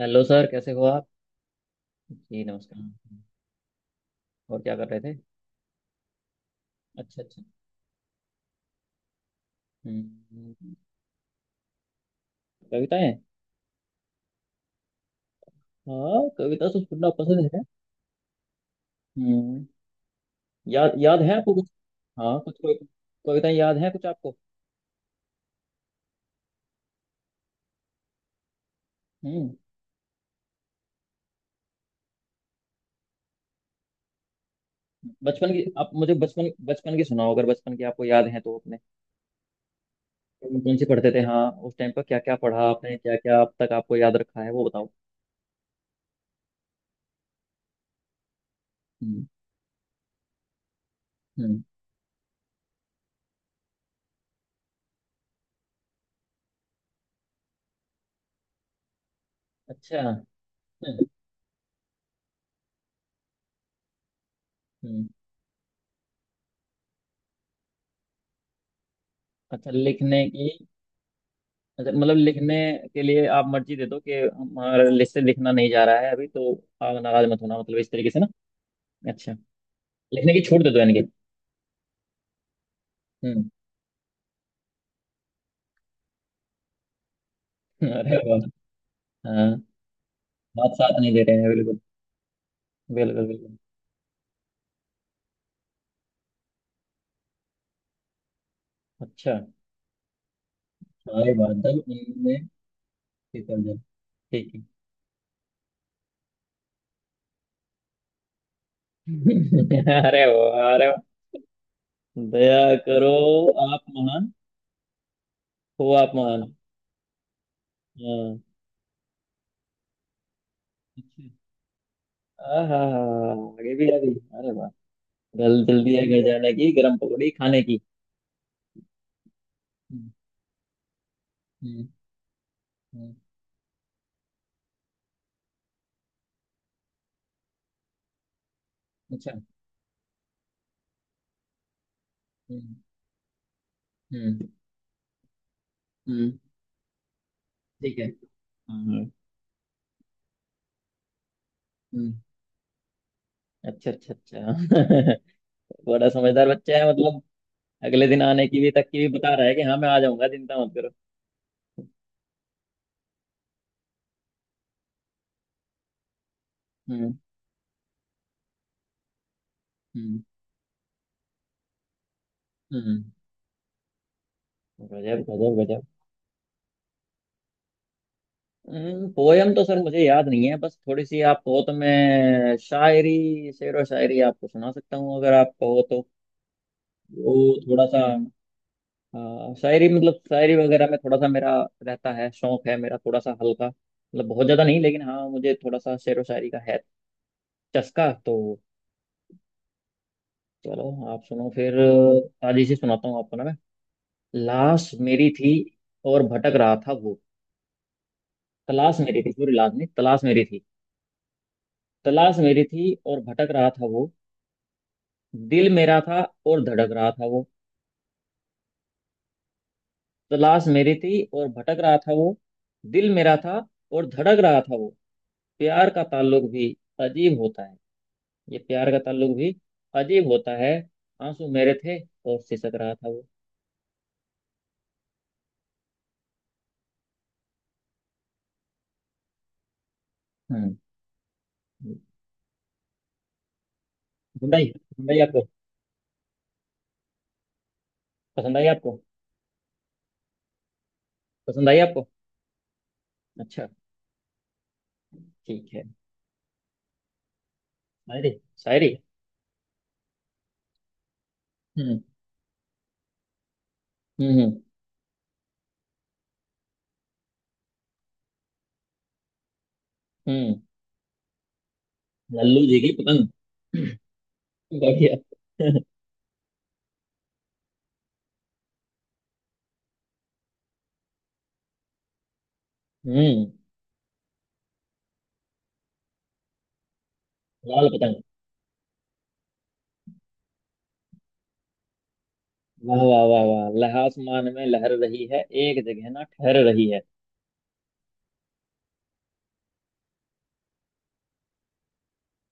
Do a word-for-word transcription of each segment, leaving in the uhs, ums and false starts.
Hello sir, कैसे हो आप। जी नमस्कार। हाँ, और क्या कर रहे थे। अच्छा अच्छा। हम्म, कविताएं। हाँ, कविता तो सुनना पसंद है। हम्म। याद याद है आपको कुछ। हाँ, कुछ कोई कविताएं याद हैं कुछ आपको। हम्म। बचपन की, आप मुझे बचपन बचपन की सुनाओ, अगर बचपन की आपको याद है तो अपने कौन कौन सी पढ़ते थे। हाँ, उस टाइम पर क्या क्या पढ़ा आपने, क्या क्या अब तक आपको याद रखा है वो बताओ। हम्म। हम्म। अच्छा। हम्म। हम्म, अच्छा लिखने की। अच्छा, मतलब लिखने के लिए आप मर्जी दे दो कि हमारा लिस्ट से लिखना नहीं जा रहा है अभी तो। आप नाराज मत होना, मतलब इस तरीके से ना। अच्छा, लिखने की छूट दे दो यानी कि। हम्म। अरे वाह। हाँ, बात साथ नहीं दे रहे हैं बिल्कुल। बिल्कुल बिल्कुल। अच्छा। सारे बादल उनमें फिसल जाए। ठीक है। अरे वाह, अरे वाह। दया करो, आप महान हो। आप महान। हाँ। आहा। आगे भी आ गई, अरे वाह। जल जल्दी है घर जाने की, गरम पकौड़ी खाने की। हम्म। हम्म, हम्म। अच्छा। हम्म। हम्म। हम्म, ठीक है। हाँ। हम्म। अच्छा अच्छा अच्छा। बड़ा समझदार बच्चा है मतलब। अगले दिन आने की भी, तक की भी बता रहा है कि हाँ मैं आ जाऊंगा, चिंता मत करो। हम्म। हम्म। हम्म। गजब गजब गजब। हम्म, पोयम तो सर मुझे याद नहीं है, बस थोड़ी सी आप कहो तो मैं शायरी, शेरो शायरी आपको सुना सकता हूँ अगर आप कहो तो। वो थोड़ा सा, हाँ, शायरी, मतलब शायरी वगैरह में थोड़ा सा मेरा रहता है, शौक है मेरा थोड़ा सा हल्का, मतलब बहुत ज्यादा नहीं लेकिन हाँ मुझे थोड़ा सा शेर व शायरी का है चस्का तो। चलो, आप सुनो फिर। ताजी से सुनाता हूँ आपको ना मैं। लाश मेरी थी और भटक रहा था वो। तलाश मेरी थी, सॉरी लाश नहीं, तलाश मेरी थी। तलाश मेरी थी और भटक रहा था वो। दिल मेरा था और धड़क रहा था वो। तलाश मेरी थी और भटक रहा था वो। दिल मेरा था और धड़क रहा था वो। प्यार का ताल्लुक भी अजीब होता है। ये प्यार का ताल्लुक भी अजीब होता है। आंसू मेरे थे और सिसक रहा था वो। हम्म। पसंद आई, पसंद आई आपको। पसंद आई आपको। पसंद आई आपको। अच्छा। ठीक है। शायरी। शायरी। हम्म। हम्म। हम्म। लल्लू जी की पतंग। बढ़िया। हम्म। लाल पतंग। वाह वाह वाह वाह। लह आसमान में लहर रही है, एक जगह ना ठहर रही है।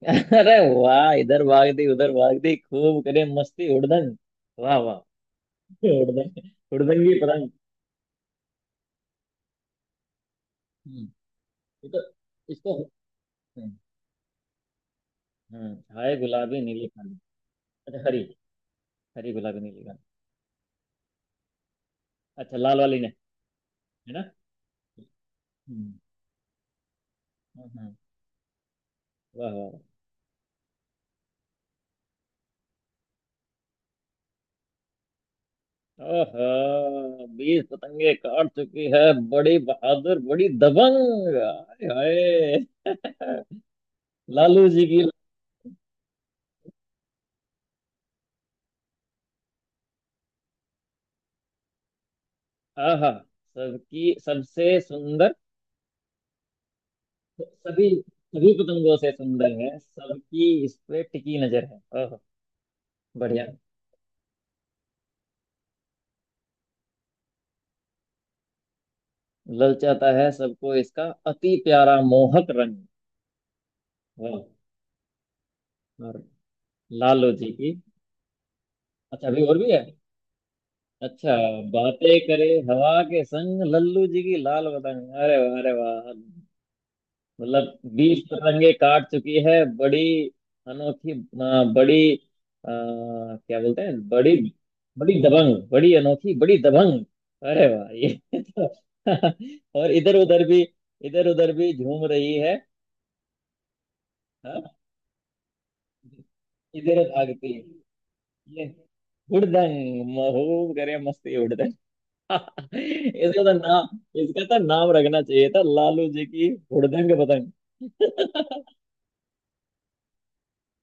अरे वाह। इधर भाग दी उधर भाग दी, खूब करे मस्ती उड़दंग। वाह वाह। उड़दंग। उड़दंग की पतंग। ये तो। इसको। हम्म, हाय गुलाबी नीली काली। अच्छा हरी। हरी गुलाबी नीली काली। अच्छा, लाल वाली ने। है ना। हम्म। हम्म, वाह वाह वाह। ओहो, बीस पतंगे काट चुकी है, बड़ी बहादुर बड़ी दबंग, हाय हाय। लालू जी की। आहा। सबकी, सबसे सुंदर। सभी, सभी पतंगों से सुंदर है, सबकी इस पे टिकी नजर है, ओहो। बढ़िया। ललचाता है सबको इसका अति प्यारा मोहक रंग। वाह। और लालू जी की। अच्छा, अभी और भी है। अच्छा। बातें करे हवा के संग लल्लू जी की लाल पतंग, अरे वाह अरे वाह। मतलब बीस पतंगे काट चुकी है बड़ी अनोखी, अ, बड़ी आ, क्या बोलते हैं, बड़ी, बड़ी दबंग, बड़ी अनोखी बड़ी दबंग। अरे वाह, ये तो। और इधर उधर भी, इधर उधर भी झूम रही है। हाँ? इधर भागती है ये, उड़दंग, महबूब करे मस्ती उड़दंग। इसका तो नाम, इसका तो नाम रखना चाहिए था लालू जी की हुड़दंग पतंग।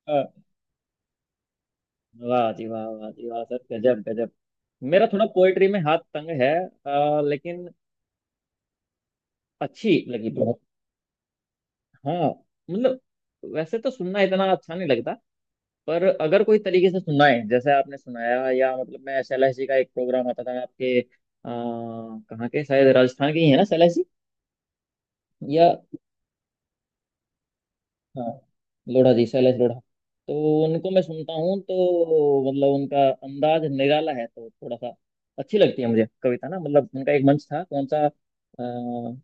वाह जी वाह, वाह जी वाह, सर गजब गजब। मेरा थोड़ा पोएट्री में हाथ तंग है, अ, लेकिन अच्छी लगी बहुत। हाँ, मतलब वैसे तो सुनना इतना अच्छा नहीं लगता, पर अगर कोई तरीके से सुनाए जैसे आपने सुनाया, या मतलब मैं एसएलएससी का एक प्रोग्राम आता था आपके, अ, कहाँ के, शायद राजस्थान के ही है ना एसएलएससी या। हाँ, लोढ़ा जी, शैलेश लोढ़ा। तो उनको मैं सुनता हूँ तो मतलब उनका अंदाज निराला है, तो थोड़ा सा अच्छी लगती है मुझे कविता ना, मतलब उनका एक मंच था कौन सा, अ,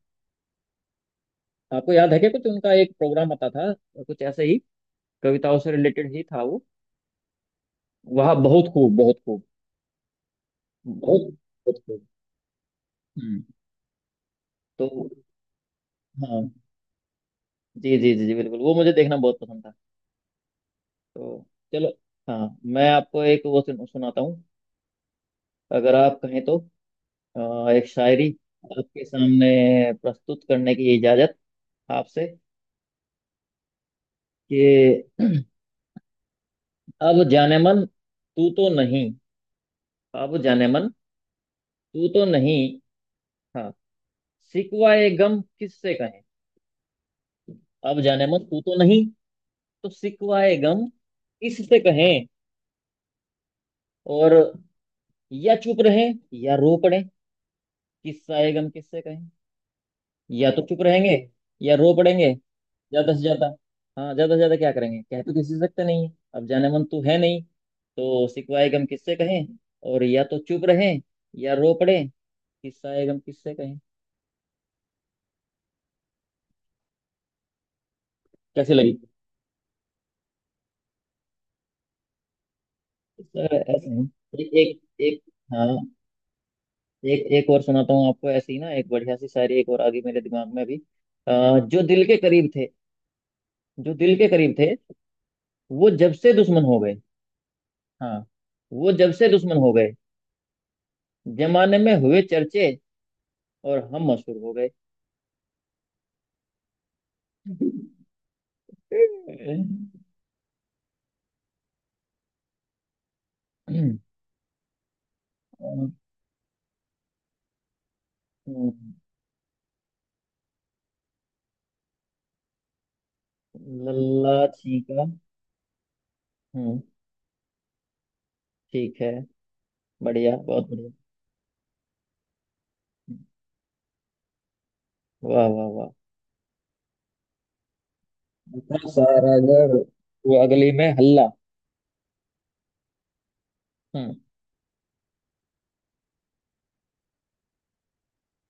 आपको याद है क्या कुछ, उनका एक प्रोग्राम आता था कुछ ऐसे ही, कविताओं से रिलेटेड ही था वो। वह बहुत खूब, बहुत खूब। बहुत, बहुत खूब। हम्म, तो हाँ जी जी जी जी बिल्कुल, वो मुझे देखना बहुत पसंद था। तो चलो, हाँ मैं आपको एक वो सुन, सुनाता हूँ अगर आप कहें तो, अ, एक शायरी आपके सामने प्रस्तुत करने की इजाजत आपसे, कि अब जाने मन तू तो नहीं। अब जाने मन तू तो नहीं। हाँ, सिकवाए गम किससे कहें। अब जाने मन तू तो नहीं। तो सिकवाए गम किससे कहें। और या चुप रहें या रो पड़ें, किस्सा गम किससे कहें। या तो चुप रहेंगे या रो पड़ेंगे, ज्यादा से ज्यादा। हाँ, ज्यादा से ज्यादा क्या करेंगे, कह तो किसी से सकते नहीं है, अब जाने मन तो है नहीं, तो सिकवाए गम किससे कहें। और या तो चुप रहें या रो पड़े, किस्साए गम किससे कहें। कैसी लगी। किस्सा ऐसे हैं। एक एक एक हाँ, एक एक और सुनाता हूँ आपको ऐसी ही ना, एक बढ़िया सी शायरी एक और आ गई मेरे दिमाग में अभी। अ, जो दिल के करीब थे। जो दिल के करीब थे, वो जब से दुश्मन हो गए। हाँ। वो जब से दुश्मन हो गए, जमाने में हुए चर्चे और हम मशहूर हो गए। लल्ला छीका। हम्म। ठीक है। बढ़िया, बहुत बढ़िया। वाह वाह वाह। बता सारा घर, वो अगली में हल्ला। हम्म।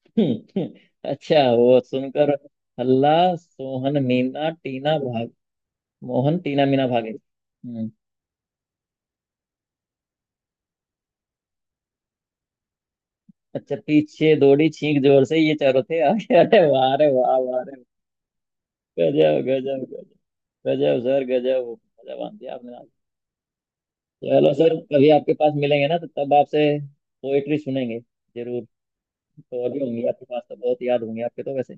अच्छा, वो सुनकर हल्ला, सोहन मीना टीना भाग, मोहन टीना मीना भागे। हम्म। अच्छा, पीछे दौड़ी छींक जोर से, ये चारों थे आगे। अरे वाह, अरे वाह वाह, अरे वाह। गजब गजब गजब। गजब सर, गजब, मजा बांध दिया आपने। चलो सर, कभी आपके पास मिलेंगे ना तो तब आपसे पोएट्री सुनेंगे जरूर। तो और भी होंगी आपके पास तो, बहुत याद होंगी आपके तो वैसे।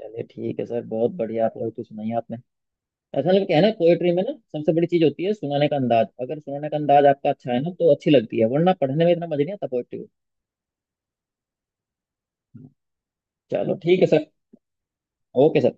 चलिए ठीक है सर, बहुत बढ़िया पोएट्री सुनाई आपने। ऐसा लगता है ना, पोएट्री में ना सबसे बड़ी चीज होती है सुनाने का अंदाज, अगर सुनाने का अंदाज आपका अच्छा है ना तो अच्छी लगती है, वरना पढ़ने में इतना मजा नहीं आता पोएट्री को। चलो ठीक है सर। Okay sir.